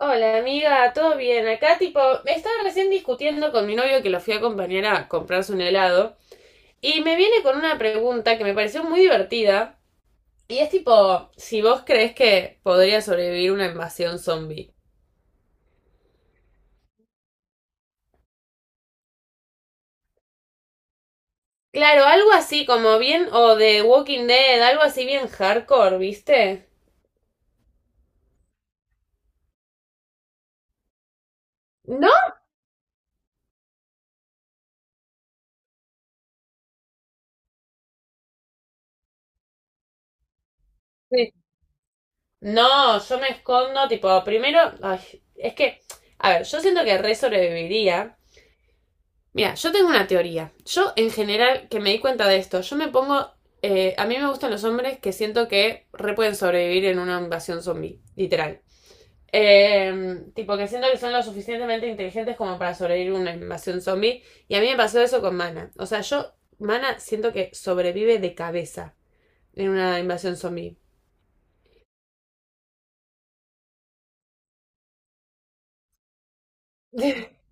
Hola amiga, ¿todo bien? Acá tipo, me estaba recién discutiendo con mi novio que lo fui a acompañar a comprarse un helado y me viene con una pregunta que me pareció muy divertida y es tipo, si vos crees que podría sobrevivir una invasión zombie. Claro, algo así como bien o de Walking Dead, algo así bien hardcore, ¿viste? ¿No? Sí. No, yo me escondo tipo, primero, ay, es que, a ver, yo siento que re sobreviviría. Mira, yo tengo una teoría. Yo, en general, que me di cuenta de esto, yo me pongo. A mí me gustan los hombres que siento que re pueden sobrevivir en una invasión zombie, literal. Tipo que siento que son lo suficientemente inteligentes como para sobrevivir a una invasión zombie. Y a mí me pasó eso con Mana. O sea, yo, Mana, siento que sobrevive de cabeza en una invasión zombie.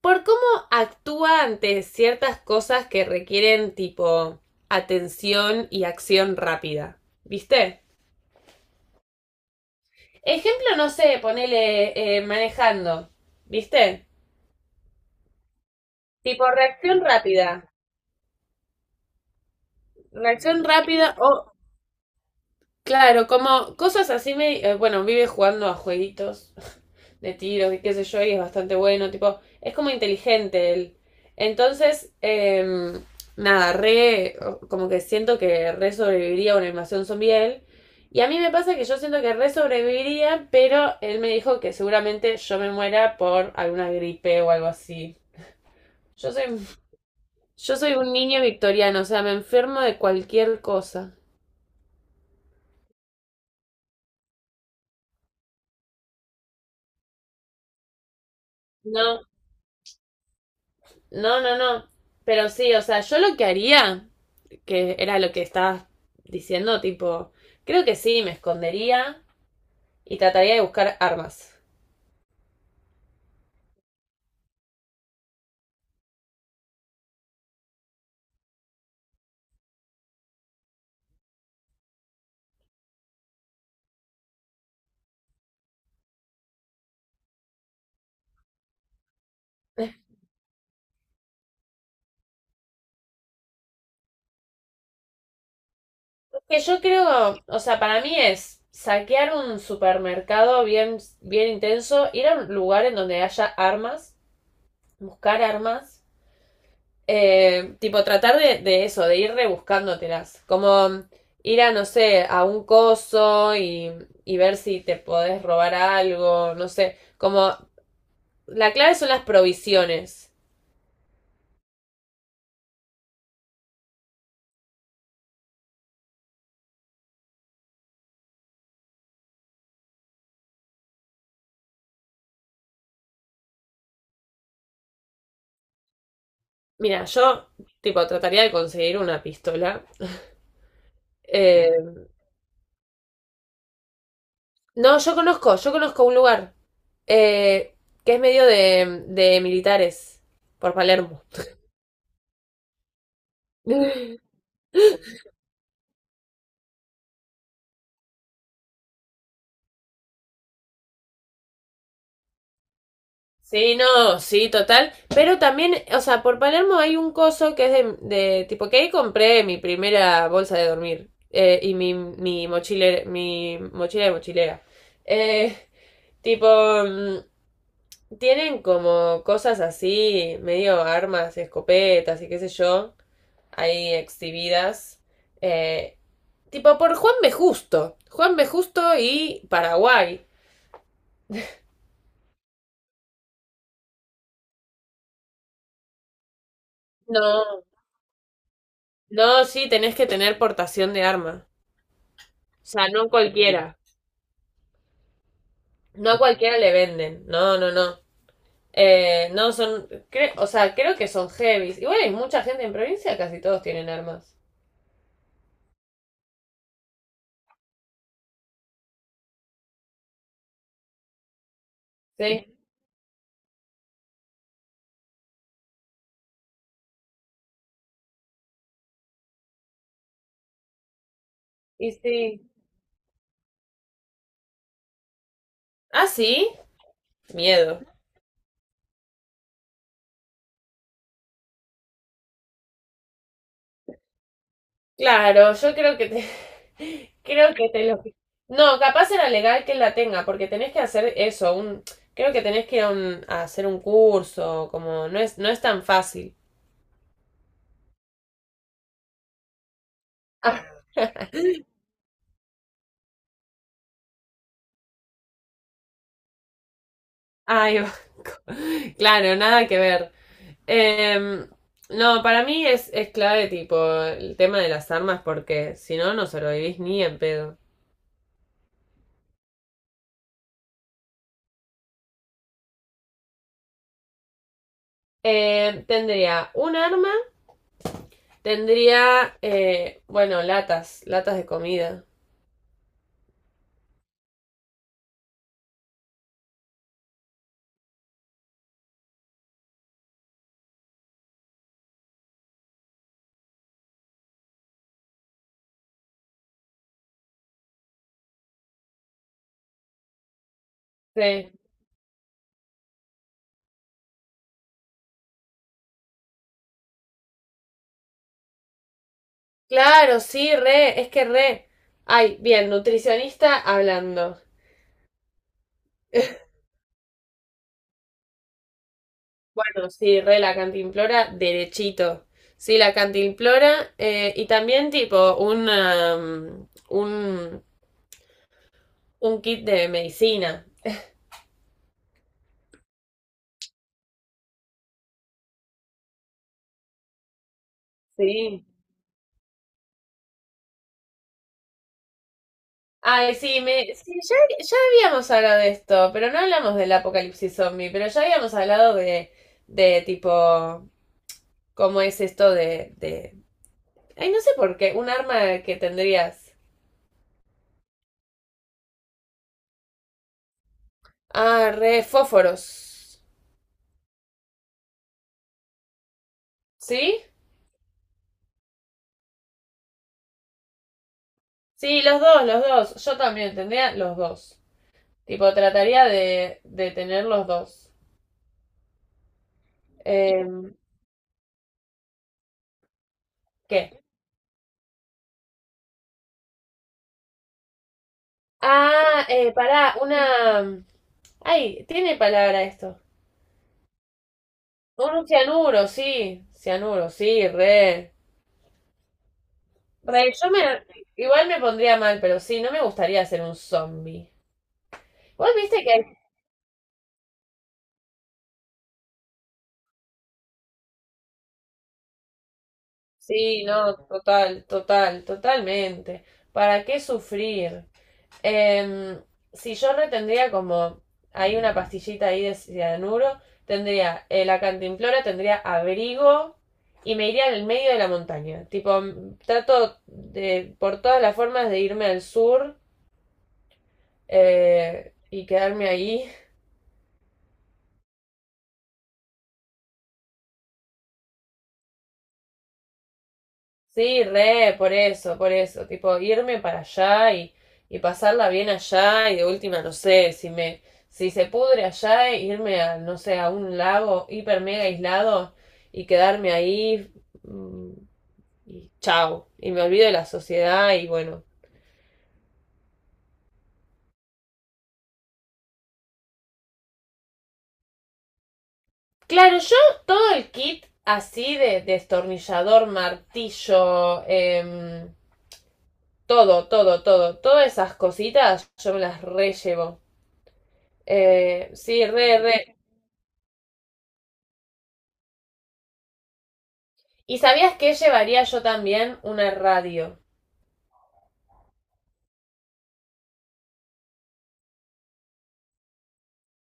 Por cómo actúa ante ciertas cosas que requieren, tipo, atención y acción rápida. ¿Viste? Ejemplo, no sé, ponele manejando, ¿viste? Tipo reacción rápida. Reacción rápida o, claro, como cosas así me... bueno, vive jugando a jueguitos de tiros y qué sé yo, y es bastante bueno, tipo, es como inteligente él. Entonces, nada, re, como que siento que re sobreviviría a una invasión zombie él. Y a mí me pasa que yo siento que re sobreviviría, pero él me dijo que seguramente yo me muera por alguna gripe o algo así. Yo soy, yo soy un niño victoriano, o sea, me enfermo de cualquier cosa. No, no, no, no. Pero sí, o sea, yo lo que haría, que era lo que estabas diciendo, tipo, creo que sí, me escondería y trataría de buscar armas. Que yo creo, o sea, para mí es saquear un supermercado bien, bien intenso, ir a un lugar en donde haya armas, buscar armas. Tipo, tratar de eso, de ir rebuscándotelas. Como ir a, no sé, a un coso y ver si te podés robar algo, no sé. Como la clave son las provisiones. Mira, yo, tipo, trataría de conseguir una pistola. Eh, no, yo conozco un lugar eh, que es medio de militares, por Palermo. Sí, no, sí, total. Pero también, o sea, por Palermo hay un coso que es de, de tipo que ahí compré mi primera bolsa de dormir, y mi mochilera, mi mochila de mochilera. Eh, Tipo, mm, tienen como cosas así, medio armas, escopetas y qué sé yo, ahí exhibidas. Eh, Tipo por Juan B. Justo. Juan B. Justo y Paraguay. No, no, sí, tenés que tener portación de arma. Sea, no a cualquiera. No a cualquiera le venden. No, no, no. No son. O sea, creo que son heavies. Igual hay mucha gente en provincia, casi todos tienen armas. Sí. Y sí. Ah, sí. Miedo. Claro, yo creo que te. Creo que te lo. No, capaz era legal que la tenga, porque tenés que hacer eso. Un, creo que tenés que ir a, a hacer un curso. Como no es, no es tan fácil. Ah, ahí va. Claro, nada que ver. Em, no, para mí es, clave, tipo, el tema de las armas, porque si no, no sobrevivís ni en pedo. Tendría un arma, tendría, bueno, latas, latas de comida. Sí. Claro, sí, re, es que re. Ay, bien, nutricionista hablando. Bueno, sí, re la cantimplora, derechito. Sí, la cantimplora, y también tipo una, un kit de medicina. Sí. Ay, sí, me, sí, ya, ya habíamos hablado de esto, pero no hablamos del apocalipsis zombie, pero ya habíamos hablado de tipo, cómo es esto de... Ay, no sé por qué, un arma que tendrías. Ah, re fósforos. ¿Sí? Sí, los dos, los dos. Yo también tendría los dos. Tipo, trataría de tener los dos. Em, ¿Qué? Ah, pará, una... Ay, tiene palabra esto. Un cianuro, sí. Cianuro, sí, re. Re, yo me. Igual me pondría mal, pero sí, no me gustaría ser un zombie. Vos viste que. Sí, no, total, total, totalmente. ¿Para qué sufrir? Em, si yo retendría como. Hay una pastillita ahí de cianuro. Tendría, la cantimplora, tendría abrigo. Y me iría al medio de la montaña. Tipo, trato de, por todas las formas de irme al sur, y quedarme ahí. Sí, re, por eso, tipo irme para allá y pasarla bien allá y de última, no sé, si me, si se pudre allá, irme a, no sé, a un lago hiper mega aislado y quedarme ahí, mm, y chao, y me olvido de la sociedad y bueno. Claro, yo todo el kit así de destornillador, martillo, todo, todo, todo. Todas esas cositas yo me las re llevo. Sí, re, re. ¿Y sabías que llevaría yo también una radio?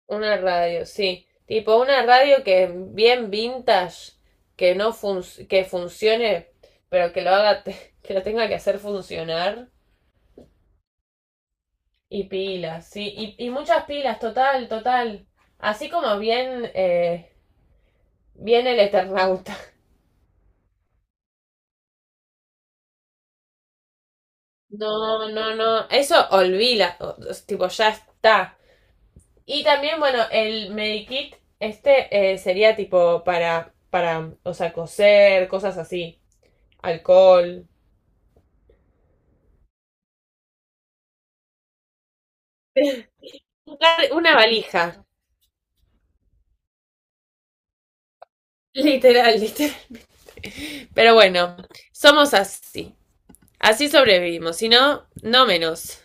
Una radio, sí. Tipo una radio que bien vintage, que no func que funcione, pero que lo haga, que lo tenga que hacer funcionar. Y pilas, sí. Y muchas pilas, total, total. Así como bien, bien el Eternauta. No, no, no. Eso olvida. Tipo, ya está. Y también, bueno, el Medikit, este sería tipo para, o sea, coser, cosas así, alcohol. Una valija, literal, literal. Pero bueno, somos así. Así sobrevivimos, si no, no menos.